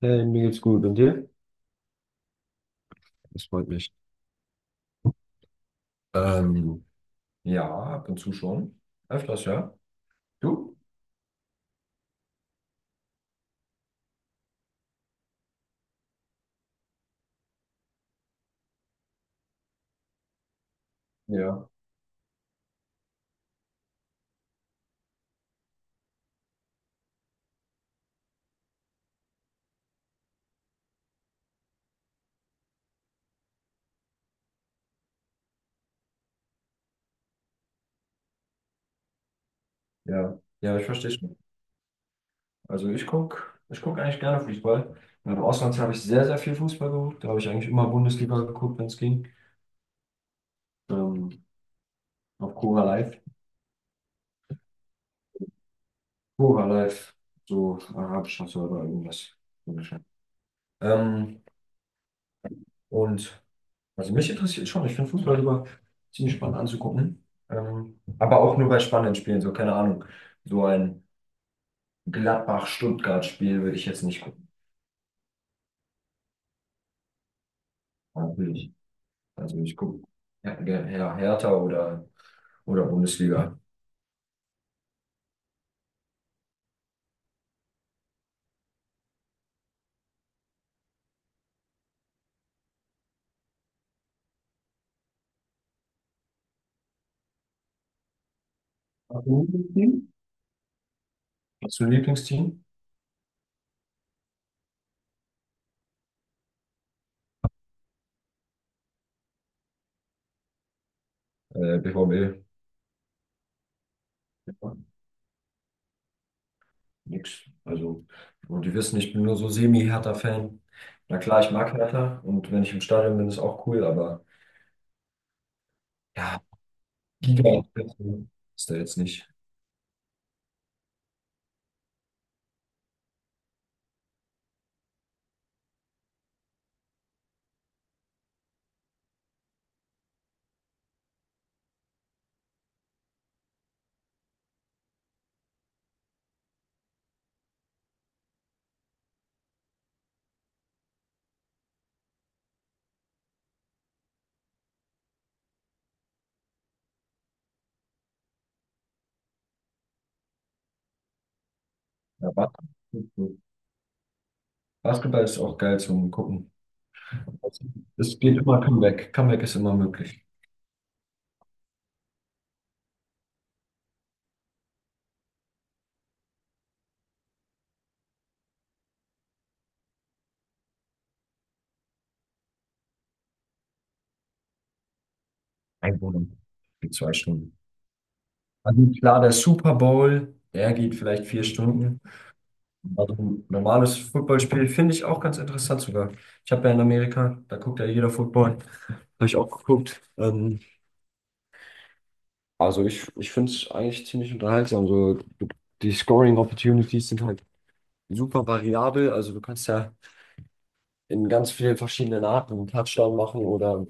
Hey, mir geht's gut. Und dir? Das freut mich. Ähm, ja, ab und zu schon. Öfters, ja. Du? Ja, ja. Ja, ich verstehe schon. Also ich gucke ich guck eigentlich gerne Fußball. Im Ausland habe ich sehr, sehr viel Fußball geguckt. Da habe ich eigentlich immer Bundesliga geguckt, wenn es ging. Ähm, auf Cora Live. Cora Live. So arabischer Server, irgendwas. Ähm, und also mich interessiert schon. Ich finde Fußball immer ziemlich spannend anzugucken. Aber auch nur bei spannenden Spielen, so keine Ahnung. So ein Gladbach-Stuttgart-Spiel würde ich jetzt nicht gucken. Natürlich. Also ich gucke ja, ja, ja, Hertha oder Bundesliga. Hast du ein Lieblingsteam? Hast du ein Lieblingsteam? BVB. Ja, nix. Also, und die wissen, ich bin nur so Semi-Hertha-Fan. Na klar, ich mag Hertha und wenn ich im Stadion bin, ist auch cool, aber ja, Liga ist da jetzt nicht. Ja, Bas- Basketball ist auch geil zum Gucken. Es geht immer Comeback. Comeback ist immer möglich. Ein Bonus. Die zwei Stunden. Also klar, der Super Bowl, der geht vielleicht vier Stunden. Also ein normales Footballspiel finde ich auch ganz interessant sogar. Ich habe ja in Amerika, da guckt ja jeder Football. Habe ich auch geguckt. Also ich finde es eigentlich ziemlich unterhaltsam. So, du- die Scoring Opportunities sind halt super variabel. Also du kannst ja in ganz vielen verschiedenen Arten einen Touchdown machen oder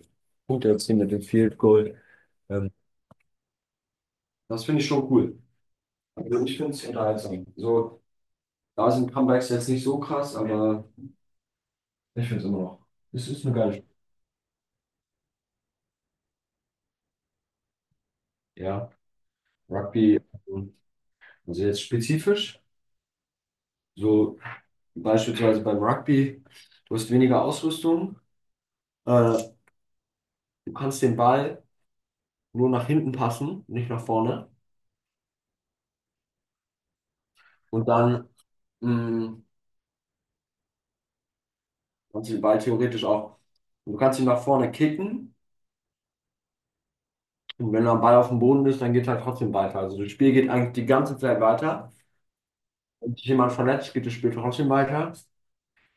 Punkte erzielen mit dem Field Goal. Ähm, das finde ich schon cool. Also ich finde es unterhaltsam. So, da sind Comebacks jetzt nicht so krass, aber. Ich finde es immer noch. Es ist eine geile Sp- Ja, Rugby, ähm, also jetzt spezifisch, so beispielsweise beim Rugby, du hast weniger Ausrüstung, äh, du kannst den Ball nur nach hinten passen, nicht nach vorne. Und dann mh, kannst du den Ball theoretisch auch, du kannst ihn nach vorne kicken und wenn der Ball auf dem Boden ist, dann geht halt trotzdem weiter. Also das Spiel geht eigentlich die ganze Zeit weiter. Wenn sich jemand verletzt, geht das Spiel trotzdem weiter.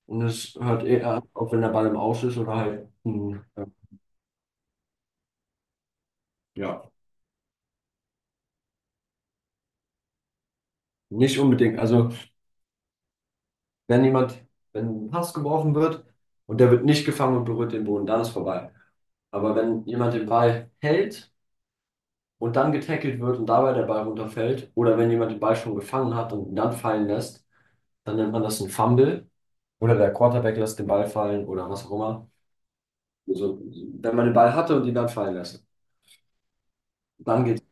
Und es hört eher auf, wenn der Ball im Aus ist oder halt, ja. Nicht unbedingt. Also, wenn jemand, wenn ein Pass geworfen wird und der wird nicht gefangen und berührt den Boden, dann ist vorbei. Aber wenn jemand den Ball hält und dann getackelt wird und dabei der Ball runterfällt, oder wenn jemand den Ball schon gefangen hat und ihn dann fallen lässt, dann nennt man das ein Fumble. Oder der Quarterback lässt den Ball fallen oder was auch immer. Also, wenn man den Ball hatte und ihn dann fallen lässt, dann geht's.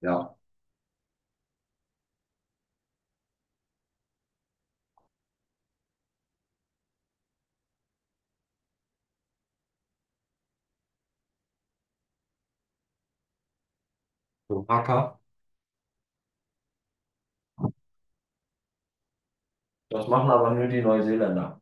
Ja, so ein Hacker. Das machen aber nur die Neuseeländer.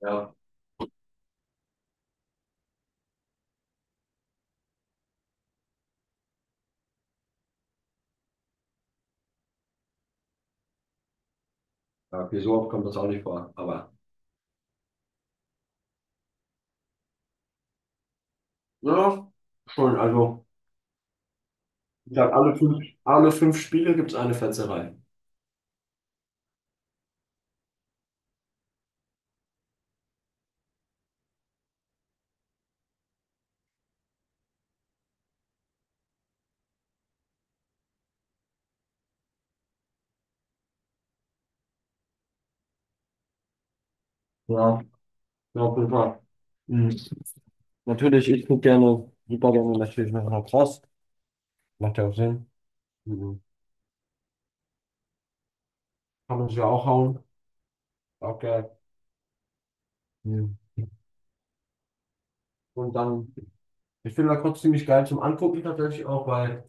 Ja, ja, okay, so oft kommt das auch nicht vor. Aber ja, schon, also. Ich glaube, alle fünf Spiele gibt es eine Fetzerei. Ja, ja, auf jeden Fall. Mhm. Natürlich, ich gucke gerne, super gerne natürlich noch Lacrosse. Macht ja auch Sinn. Mhm. Kann man sich ja auch hauen. Auch geil. Mhm. Und dann, ich finde Lacrosse ziemlich geil zum Angucken tatsächlich auch, weil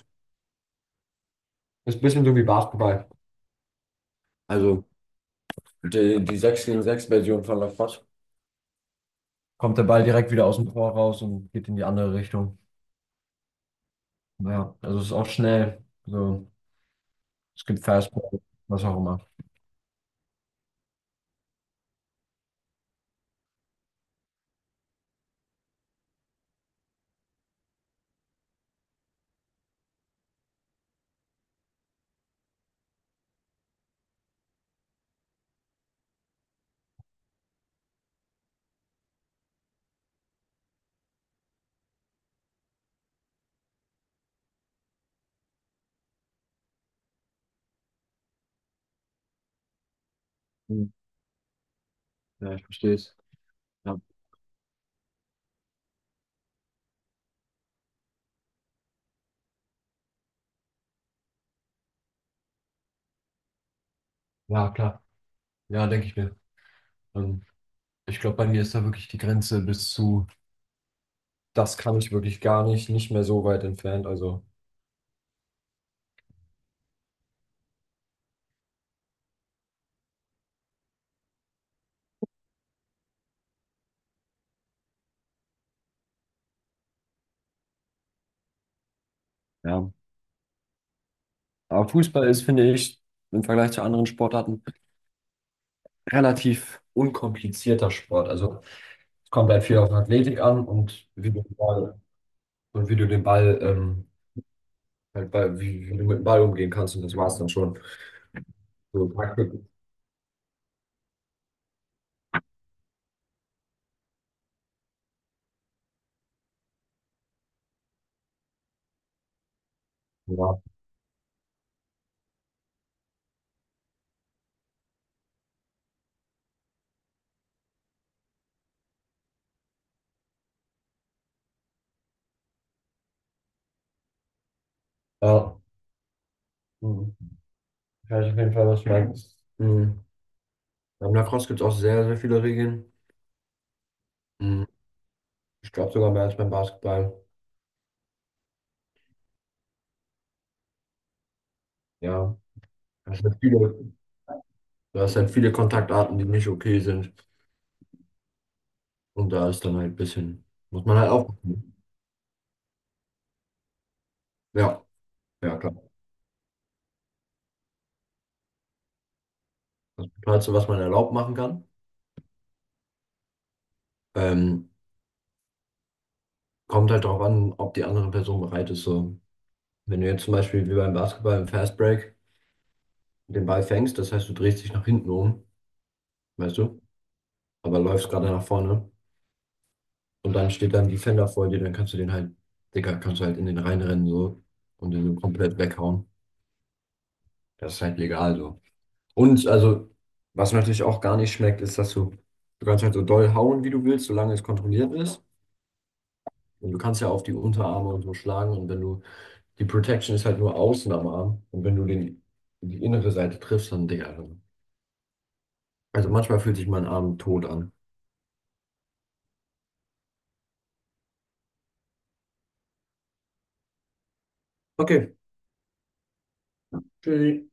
es ist ein bisschen so wie Basketball. Also die 6 gegen 6 Version von Lacrosse. Kommt der Ball direkt wieder aus dem Tor raus und geht in die andere Richtung. Ja, also es ist auch schnell. So, es gibt Fastball, was auch immer. Mhm. Ja, ich verstehe es. Ja. Ja, klar. Ja, denke ich mir. Ähm, ich glaube, bei mir ist da wirklich die Grenze bis zu, das kann ich wirklich gar nicht, nicht mehr so weit entfernt. Also, ja. Aber Fußball ist, finde ich, im Vergleich zu anderen Sportarten relativ unkomplizierter Sport. Also, es kommt halt viel auf Athletik an und wie du den Ball, und wie du den Ball, halt bei, wie, wie du mit dem Ball umgehen kannst. Und das war's dann schon. So, Taktik. Ja. Ja. Mhm. Weiß auf jeden Fall, was du Mhm. Beim Lacrosse gibt es auch sehr, sehr viele Regeln. Mhm. Ich glaube sogar mehr als beim Basketball. Ja, das sind viele, das sind viele Kontaktarten, die nicht okay sind. Und da ist dann halt ein bisschen, muss man halt aufpassen. Ja, ja, klar. Das Tollste, was man erlaubt machen kann. Ähm, Kommt halt darauf an, ob die andere Person bereit ist. So, wenn du jetzt zum Beispiel wie beim Basketball im Fast Break den Ball fängst, das heißt, du drehst dich nach hinten um, weißt du, aber läufst gerade nach vorne. Und dann steht dann Defender vor dir, dann kannst du den halt, Digga, kannst du halt in den reinrennen so und den so komplett weghauen. Das ist halt legal so. Und also, was natürlich auch gar nicht schmeckt, ist, dass du kannst halt so doll hauen, wie du willst, solange es kontrolliert ist. Und du kannst ja auf die Unterarme und so schlagen. Und wenn du, die Protection ist halt nur außen am Arm. Und wenn du den, die innere Seite triffst, dann, Digga. Also manchmal fühlt sich mein Arm tot an. Okay, tschüssi.